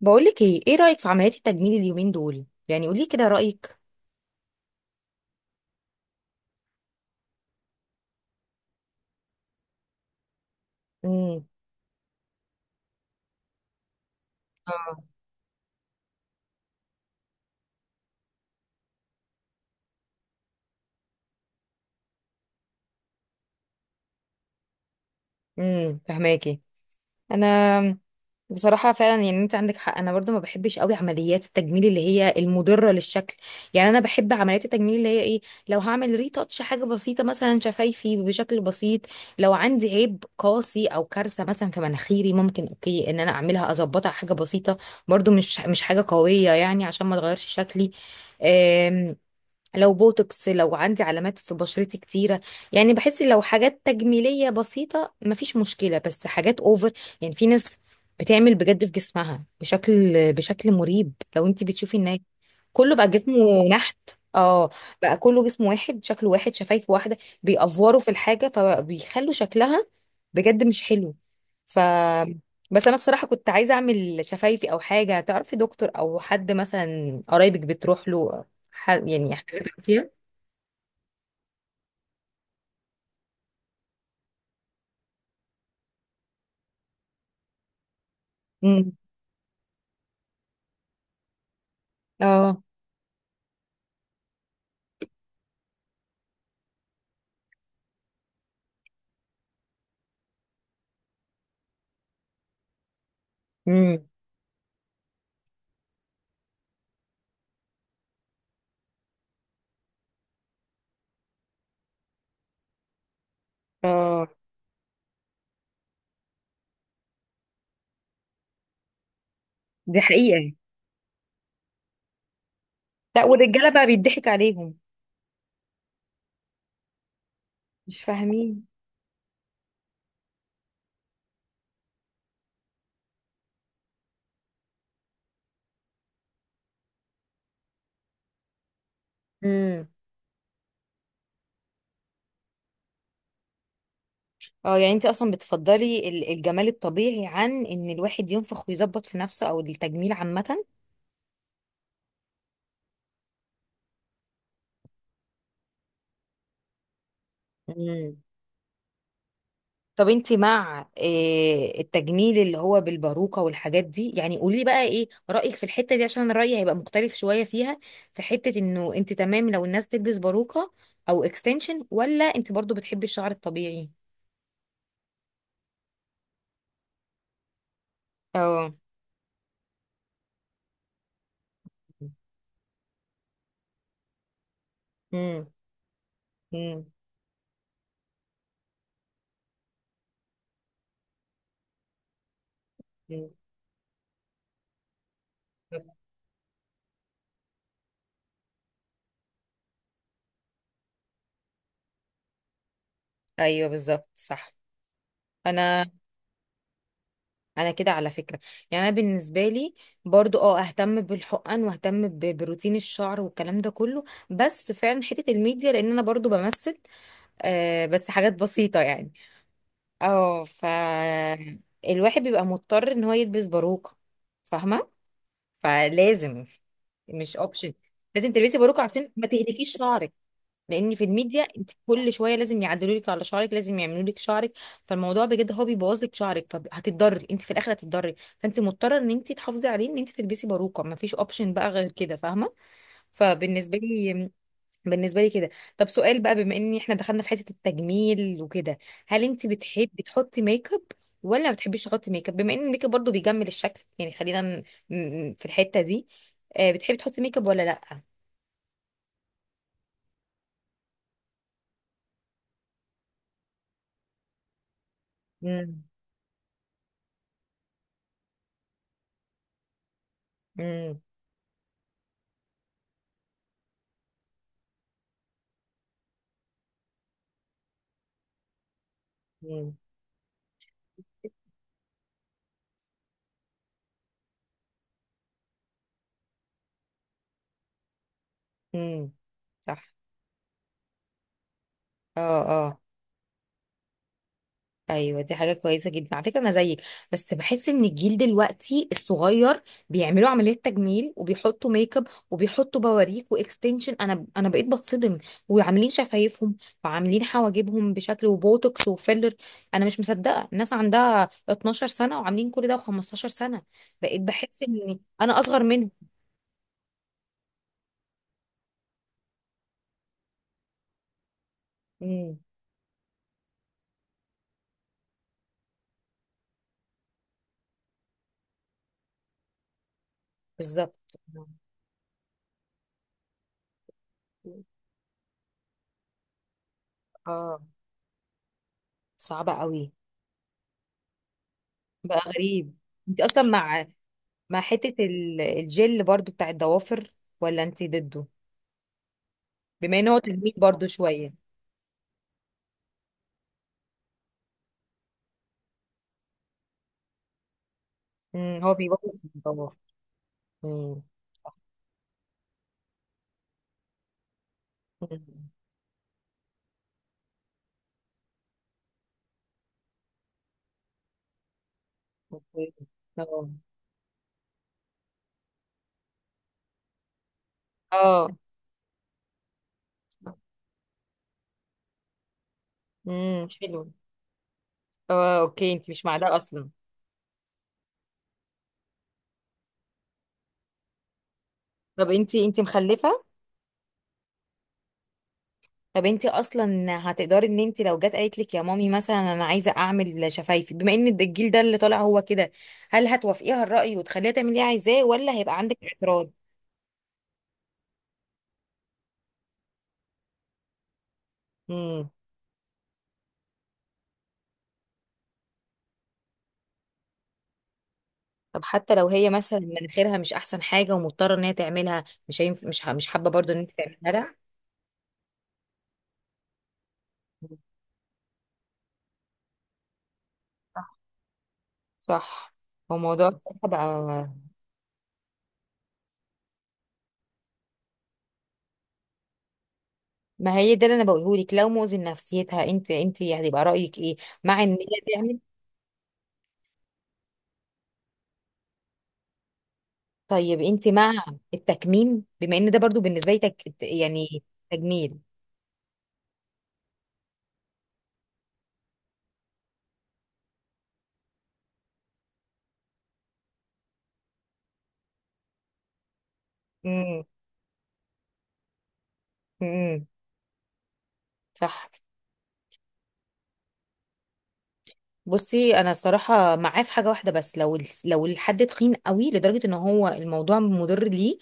بقولك ايه رأيك في عمليات التجميل اليومين دول؟ يعني قولي كده رأيك. امم. اه. امم. فهماكي. انا بصراحة فعلا يعني انت عندك حق. انا برضو ما بحبش قوي عمليات التجميل اللي هي المضرة للشكل. يعني انا بحب عمليات التجميل اللي هي ايه؟ لو هعمل ريتاتش حاجة بسيطة مثلا شفايفي بشكل بسيط. لو عندي عيب قاسي او كارثة مثلا في مناخيري، ممكن اوكي ان انا اعملها اظبطها حاجة بسيطة. برضو مش حاجة قوية يعني عشان ما تغيرش شكلي. لو بوتوكس، لو عندي علامات في بشرتي كتيرة. يعني بحس لو حاجات تجميلية بسيطة مفيش مشكلة، بس حاجات اوفر. يعني في ناس بتعمل بجد في جسمها بشكل مريب. لو انت بتشوفي الناس، كله بقى جسمه نحت. اه. بقى كله جسم واحد، شكله واحد، شفايف واحدة، بيأفوروا في الحاجة فبيخلوا شكلها بجد مش حلو. ف بس انا الصراحة كنت عايزة اعمل شفايفي او حاجة. تعرفي دكتور او حد مثلا قرايبك بتروح له؟ يعني حاجات فيها. امم. اه. امم. اه. دي حقيقة. لا، والرجالة بقى بيضحك عليهم. مش فاهمين. امم. اه. يعني انت اصلا بتفضلي الجمال الطبيعي عن ان الواحد ينفخ ويظبط في نفسه او التجميل عامة؟ امم. طب انت مع التجميل اللي هو بالباروكة والحاجات دي؟ يعني قولي لي بقى ايه رأيك في الحتة دي، عشان رأيي هيبقى مختلف شوية فيها. في حتة انه انت تمام لو الناس تلبس باروكة او اكستنشن، ولا انت برضو بتحبي الشعر الطبيعي؟ اه. امم. امم. أمم. ايوه بالظبط صح. انا انا كده على فكره. يعني انا بالنسبه لي، برضو اهتم بالحقن واهتم بروتين الشعر والكلام ده كله. بس فعلا حته الميديا لان انا برضو بمثل، بس حاجات بسيطه يعني. اه. الواحد بيبقى مضطر ان هو يلبس باروكه. فاهمه؟ فلازم. مش اوبشن. لازم تلبسي باروكه عشان ما تهلكيش شعرك. لان في الميديا انت كل شويه لازم يعدلوا لك على شعرك، لازم يعملوا لك شعرك. فالموضوع بجد هو بيبوظ لك شعرك، فهتتضري، انت في الاخر هتتضري، فانت مضطره ان انت تحافظي عليه، ان انت تلبسي باروكه، ما فيش اوبشن بقى غير كده. فاهمه؟ فبالنسبه لي، بالنسبه لي كده. طب سؤال بقى، بما ان احنا دخلنا في حته التجميل وكده، هل انت بتحبي تحطي ميك اب ولا ما بتحبيش تحطي ميك اب؟ بما ان الميك اب برضه بيجمل الشكل، يعني خلينا في الحته دي. بتحبي تحطي ميك اب ولا لا؟ امم. امم. امم. صح. اه. اه. ايوه، دي حاجه كويسه جدا على فكره، انا زيك. بس بحس ان الجيل دلوقتي الصغير بيعملوا عمليات تجميل وبيحطوا ميك اب وبيحطوا بواريك واكستنشن. انا بقيت بتصدم، وعاملين شفايفهم، وعاملين حواجبهم بشكل، وبوتوكس وفيلر. انا مش مصدقه الناس عندها 12 سنه وعاملين كل ده، و15 سنه. بقيت بحس ان انا اصغر منهم. امم. بالظبط. اه. صعبه قوي. بقى غريب. انت اصلا مع حتة الجل برضو بتاع الضوافر، ولا انتي ضده؟ بما ان هو تجميل برضو شوية. هو بيبوظ الضوافر. امم. أمم. اوكي. اه. اه. حلو. اه، اوكي، انتي مش مع ده اصلا. طب انتي مخلفة؟ طب انتي اصلا هتقدري ان انتي لو جت قالت لك يا مامي مثلا انا عايزة اعمل شفايفي، بما ان الجيل ده اللي طالع هو كده، هل هتوافقيها الرأي وتخليها تعمل اللي هي عايزاه، ولا هيبقى عندك اعتراض؟ طب حتى لو هي مثلا مناخيرها مش احسن حاجه، ومضطره ان هي تعملها، مش هينف... مش ح... مش حابه برضو ان انت تعملها؟ لا. صح. صح. هو موضوع الصحه بقى. ما هي ده اللي انا بقوله لك، لو مؤذي لنفسيتها انت هتبقى رايك ايه؟ مع ان هي تعمل. طيب انت مع التكميم؟ بما ان ده برضو بالنسبه لي يعني تجميل. امم. امم. صح. بصي، انا الصراحه معاه في حاجه واحده بس، لو لو الحد تخين قوي لدرجه ان هو الموضوع مضر ليه،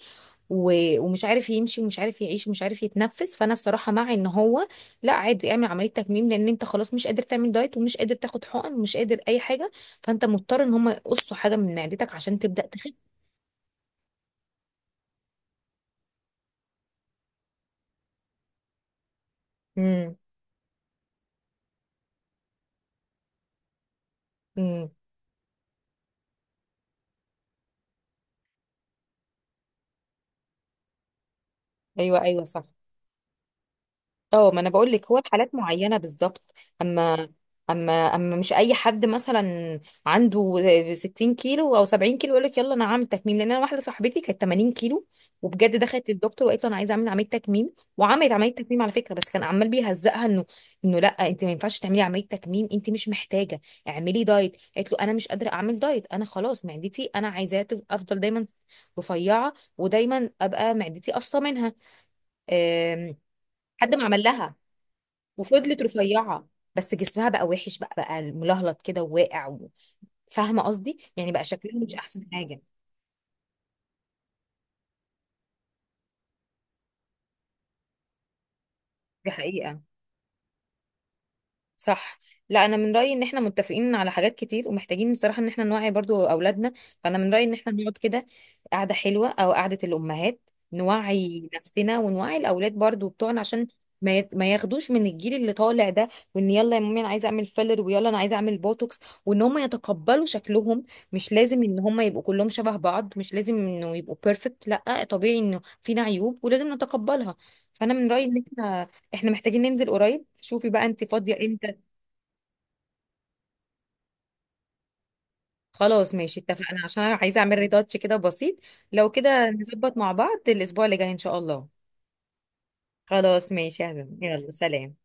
ومش عارف يمشي ومش عارف يعيش ومش عارف يتنفس، فانا الصراحه مع ان هو لا، عادي اعمل عمليه تكميم، لان انت خلاص مش قادر تعمل دايت ومش قادر تاخد حقن ومش قادر اي حاجه، فانت مضطر ان هم يقصوا حاجه من معدتك عشان تبدا تخف. امم. امم. ايوه، ايوه، صح. اه، ما انا بقول لك هو الحالات معينه بالظبط. اما اما مش اي حد مثلا عنده 60 كيلو او 70 كيلو يقول لك يلا انا هعمل تكميم. لان انا واحده صاحبتي كانت 80 كيلو، وبجد دخلت للدكتور وقالت له انا عايزه اعمل عمليه تكميم، وعملت عمليه تكميم على فكره. بس كان عمال بيهزقها انه لا، انت ما ينفعش تعملي عمليه تكميم، انت مش محتاجه، اعملي دايت. قالت له انا مش قادره اعمل دايت، انا خلاص معدتي انا عايزاها افضل دايما رفيعه ودايما ابقى معدتي قصه منها. أم. حد ما عمل لها، وفضلت رفيعة، بس جسمها بقى وحش، بقى ملهلط كده وواقع. فاهمة قصدي؟ يعني بقى شكلها مش أحسن حاجة. دي حقيقة. صح. لا، انا من رايي ان احنا متفقين على حاجات كتير، ومحتاجين بصراحه ان احنا نوعي برضو اولادنا. فانا من رايي ان احنا نقعد كده، قعده حلوه او قعده الامهات، نوعي نفسنا ونوعي الاولاد برضو بتوعنا، عشان ما ياخدوش من الجيل اللي طالع ده. وان يلا يا مامي انا عايزه اعمل فيلر، ويلا انا عايزه اعمل بوتوكس، وان هم يتقبلوا شكلهم. مش لازم ان هم يبقوا كلهم شبه بعض، مش لازم انه يبقوا بيرفكت. لا، طبيعي انه فينا عيوب ولازم نتقبلها. فانا من رايي ان احنا محتاجين ننزل قريب. شوفي بقى انت فاضيه امتى؟ خلاص، ماشي، اتفقنا، عشان أنا عايزة اعمل ريتاتش كده بسيط. لو كده نظبط مع بعض الاسبوع اللي جاي ان شاء الله. خلاص ماشي يا حبيبي، يلا سلام.